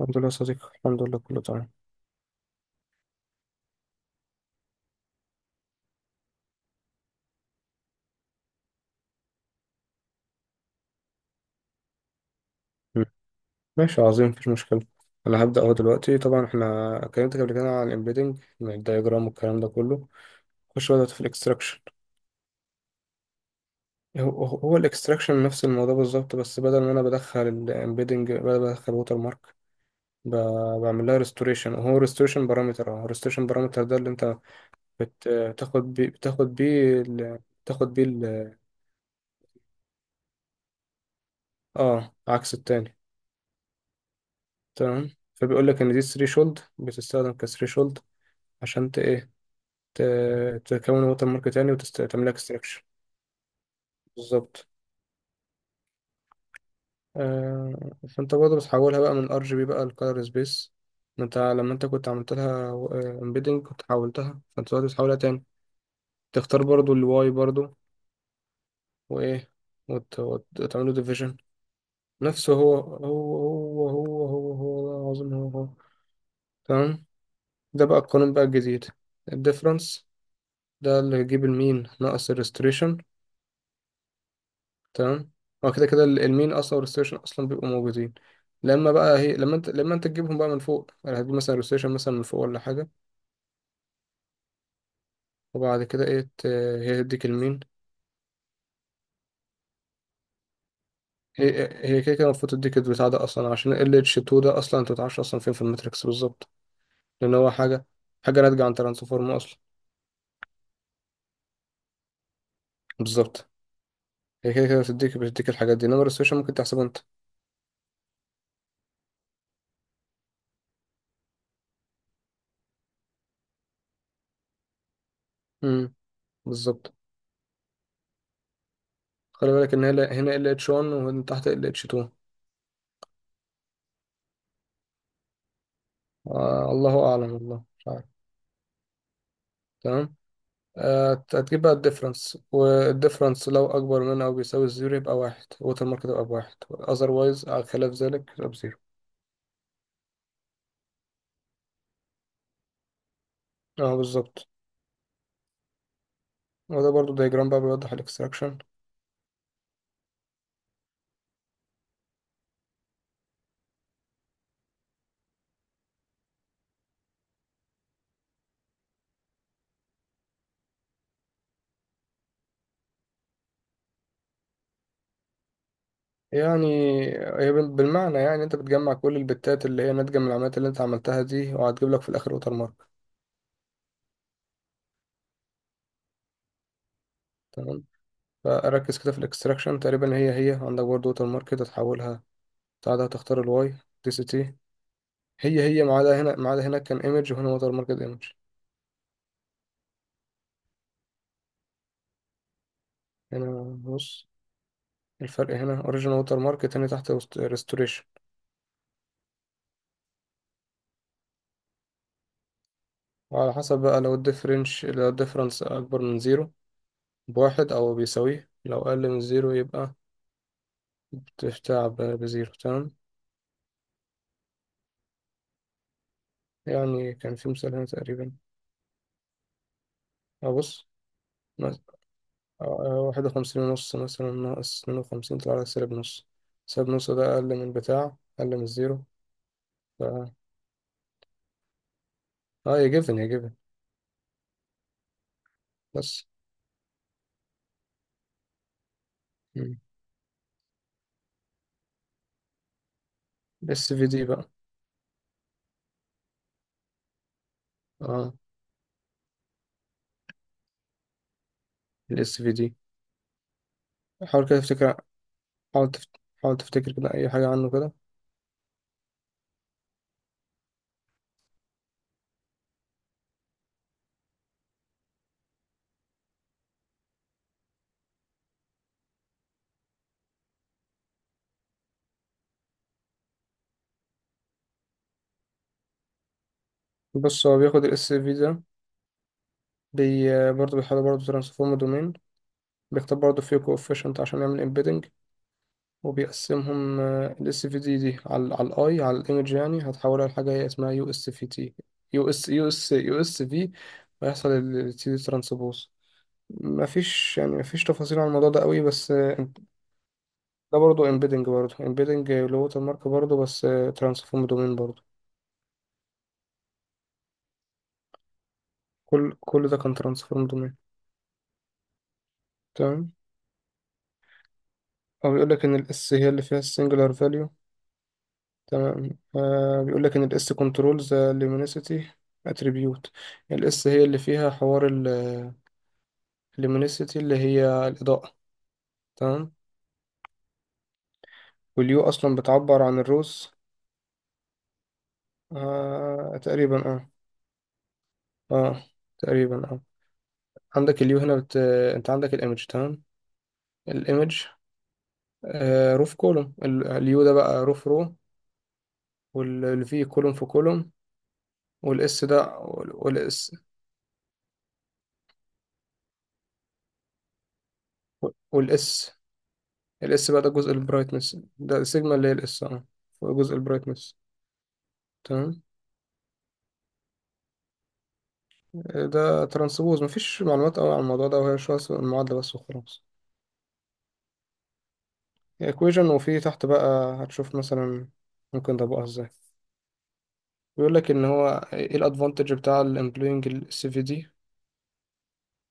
الحمد لله يا صديقي الحمد لله كله تمام. مم. ماشي عظيم مفيش مشكلة. أنا هبدأ أهو دلوقتي طبعا احنا اتكلمت قبل كده عن الإمبيدنج الدايجرام والكلام ده كله. خش بقى دلوقتي في الإكستراكشن. هو هو الإكستراكشن نفس الموضوع بالظبط بس بدل ما أنا بدخل الإمبيدنج بدخل ووتر مارك. بعمل لها ريستوريشن هو ريستوريشن بارامتر ده اللي أنت بتاخد بيه بتاخد بيه ال- اه عكس التاني. تمام. فبيقول لك إن دي ثريشولد بتستخدم كثريشولد عشان إيه تكون ووتر مارك تاني وتعمل لك اكستراكشن. بالظبط. آه، فانت برضه بتحولها بقى من ار جي بي بقى لكالر سبيس. ما انت لما انت كنت عملت لها امبيدنج كنت حولتها فانت دلوقتي بتحولها تاني. تختار برضه الواي برضه. وايه وتعمله ديفيجن. نفسه هو هو هو هو هو هو والله العظيم هو هو. تمام. ده بقى القانون بقى الجديد. الديفرنس. ده اللي هيجيب المين ناقص الريستريشن. تمام. هو كده كده المين اصلا والريستيشن اصلا بيبقوا موجودين. لما بقى هي لما انت لما انت تجيبهم بقى من فوق يعني هتجيب مثلا الريستيشن مثلا من فوق ولا حاجه. وبعد كده ايه. هي تديك المين. هي هي كده كده المفروض تديك البتاع ده اصلا عشان ال اتش 2 ده اصلا انت متعرفش اصلا فين في الماتريكس بالظبط. لان هو حاجه ناتجه عن ترانسفورم اصلا. بالظبط. هي كده كده بتديك الحاجات دي انما الريستيشن ممكن تحسبه انت. امم. بالظبط. خلي بالك ان هنا ال اتش 1 ومن تحت ال اتش 2. آه، الله اعلم والله مش عارف. تمام. هتجيب بقى الديفرنس والديفرنس لو أكبر من أو بيساوي الزيرو يبقى واحد الوتر مارك تبقى بواحد otherwise على خلاف ذلك يبقى بزيرو. اه، بالظبط. وده برضو دايجرام بقى بيوضح الاكستراكشن. يعني هي بالمعنى يعني انت بتجمع كل البتات اللي هي ناتجة من العمليات اللي انت عملتها دي وهتجيب لك في الاخر ووتر مارك. تمام. فركز كده في الاكستراكشن تقريبا هي عندك برضو ووتر مارك كده تحولها. بعدها تختار الواي دي سي تي. هي ما عدا هنا ما عدا هناك كان ايمج وهنا ووتر مارك ايمج. هنا بص. الفرق هنا اوريجين ووتر مارك تاني تحت ريستوريشن. وعلى حسب بقى لو الديفرنس اكبر من زيرو بواحد او بيساويه لو اقل من زيرو يبقى بتتعب بزيرو تمام. يعني كان في مثال هنا تقريبا. ابص. 51.5 مثلا ناقص 52 طلع لك سالب نص. سالب نص ده اقل من زيرو. ف... اه، يا جيفن يا جيفن. بس الاس في دي بقى اه الاس في دي. حاول كده تفتكر. حاول تفت... حاول تفتكر كده اي حاجة عنه كده. بص هو بياخد الاس في ده. برضه بيحاول برضه ترانسفورم دومين. بيختار برضه فيه كوفيشنت عشان يعمل امبيدنج. وبيقسمهم الاس في دي على الايمج يعني هتحولها لحاجه هي اسمها يو اس في تي. يو اس في. ويحصل التي دي ترانسبوز. مفيش تفاصيل عن الموضوع ده قوي بس. ده برضه امبيدنج برضه امبيدنج لغه المارك برضه بس. ترانسفورم دومين برضه. كل ده كان ترانسفورم دومين. تمام. هو بيقول لك ان الاس هي اللي فيها السنجلر فاليو. تمام. آه، بيقول لك ان الاس كنترولز لومينيسيتي اتريبيوت. الاس هي اللي فيها حوار اللومينيسيتي اللي هي الاضاءه. تمام. واليو اصلا بتعبر عن الروز. آه، تقريبا، اه. اه، تقريبا، اه. عندك اليو هنا. انت عندك الايمج تمام. الايمج. آه، روف كولوم اليو ده بقى روف رو. والفي كولوم في كولوم. والاس ده والاس والاس. الاس بقى ده جزء البرايتنس ده سيجما اللي هي الاس اه هو جزء البرايتنس تمام. ده ترانسبوز مفيش معلومات قوي عن الموضوع ده وهي شوية المعادلة بس وخلاص. ايكويجن وفي تحت بقى هتشوف مثلا. ممكن ده بقى ازاي؟ بيقول لك ان هو ايه الادفانتج بتاع الامبلوينج السي في دي.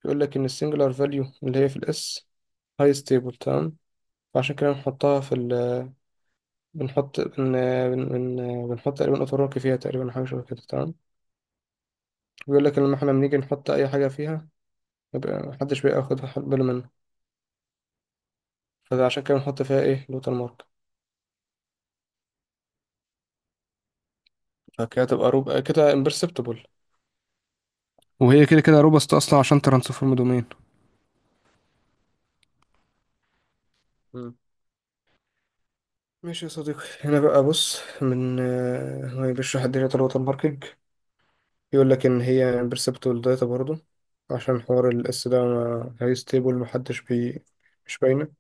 بيقول لك ان السنجلر فاليو اللي هي في الاس هاي ستيبل تمام. فعشان كده بنحطها في ال بنحط بن... بن... بن... بنحط تقريبا اوتوروكي فيها تقريبا حاجة شبه كده تمام. بيقول لك لما احنا بنيجي نحط اي حاجة فيها. يبقى محدش بياخد باله منه. فعشان كده بنحط فيها ايه لوتال مارك. فكده تبقى روب كده امبرسبتبل. وهي كده كده روبست اصلا عشان ترانسفورم دومين. مم. ماشي يا صديقي هنا بقى بص من آه، هو بيشرح الدنيا الوتر ماركينج. يقول لك ان هي امبرسبتبل داتا برضو. عشان حوار الاس ده ما هي ستيبل محدش. مش باينه.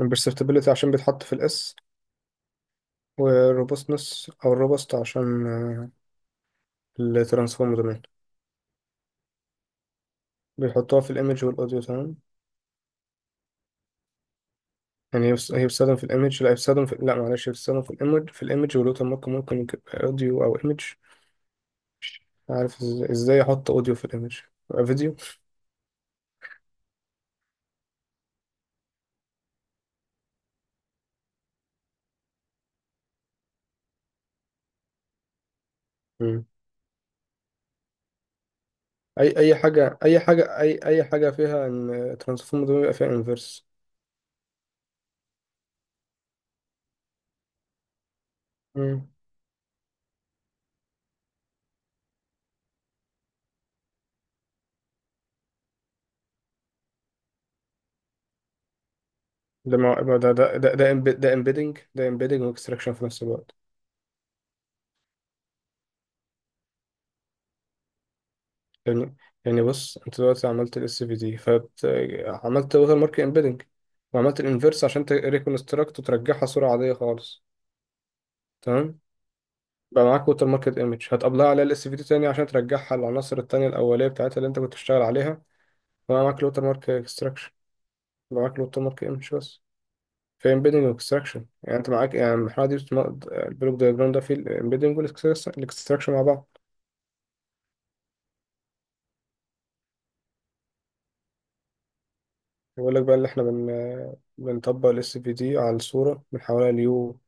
امبرسبتبلتي عشان بيتحط في الاس. والروبستنس او الروبست عشان الترانسفورم دومين. بيحطوها في الايمج والاوديو تمام. يعني هي بتستخدم في الايمج لا هي بتستخدم في لا معلش هي بتستخدم في الايمج ولوتر مارك ممكن يبقى اوديو او ايمج. عارف ازاي احط اوديو في الايمج. يبقى فيديو. مم. اي حاجه فيها ان ترانسفورم ده بيبقى فيها انفرس. مم. يبقى ده امبيدنج واكستراكشن في نفس الوقت. يعني، يعني بص انت دلوقتي عملت الاس في دي فعملت لوتر مارك امبيدنج. وعملت الانفرس عشان تريكونستراكت وترجعها صوره عاديه خالص. تمام. بقى معاك ووتر ماركت ايمج هتقبلها على ال في دي تاني عشان ترجعها للعناصر التانية الأولية بتاعتها اللي أنت كنت بتشتغل عليها. بقى معاك الووتر مارك اكستراكشن. بقى معاك الووتر مارك ايمج بس. في امبيدنج واكستراكشن يعني أنت معاك يعني المرحلة دي. البلوك دايجرام ده فيه الامبيدنج والاكستراكشن مع بعض. بيقول لك بقى اللي احنا بنطبق ال في دي على الصورة بنحولها ليو.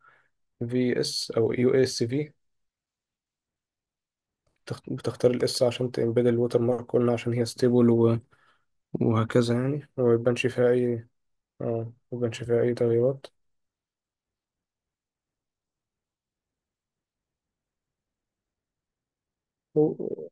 في اس أو يو اس في. بتختار الاس عشان تمبيد الووتر مارك قلنا عشان هي ستيبل. وهكذا يعني وما يبانش فيها أي اه ما يبانش فيها أي تغييرات. و-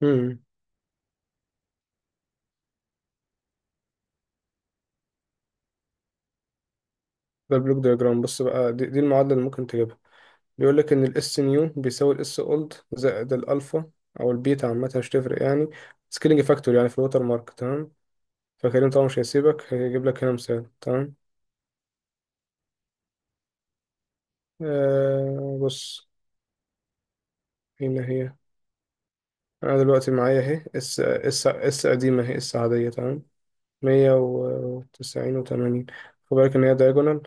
مم. ده بلوك دياجرام بص بقى دي المعادلة اللي ممكن تجيبها. بيقول لك ان الاس نيو بيساوي الاس اولد زائد الالفا او البيتا عامة مش تفرق يعني. سكيلينج فاكتور يعني في الوتر مارك تمام. فكريم طبعا مش هيسيبك هيجيب لك هنا مثال تمام. آه، بص. هنا هي. انا دلوقتي معايا اهي اس قديمة اهي اس عادية تمام. 100، 90، 80. خد بالك ان هي دايجونال.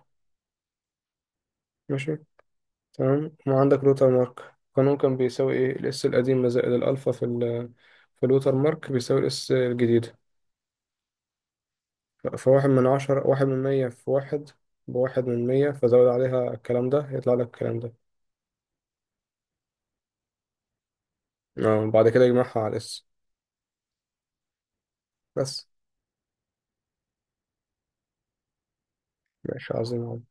ماشي. تمام وعندك لوتر مارك القانون كان بيساوي ايه الاس القديمة زائد الالفا في في اللوتر مارك بيساوي الاس الجديدة. فواحد من عشرة 1/100 في واحد. بواحد من مية فزود عليها الكلام ده يطلع لك الكلام ده. بعد كده يجمعها على الاس. بس. ماشي عظيم.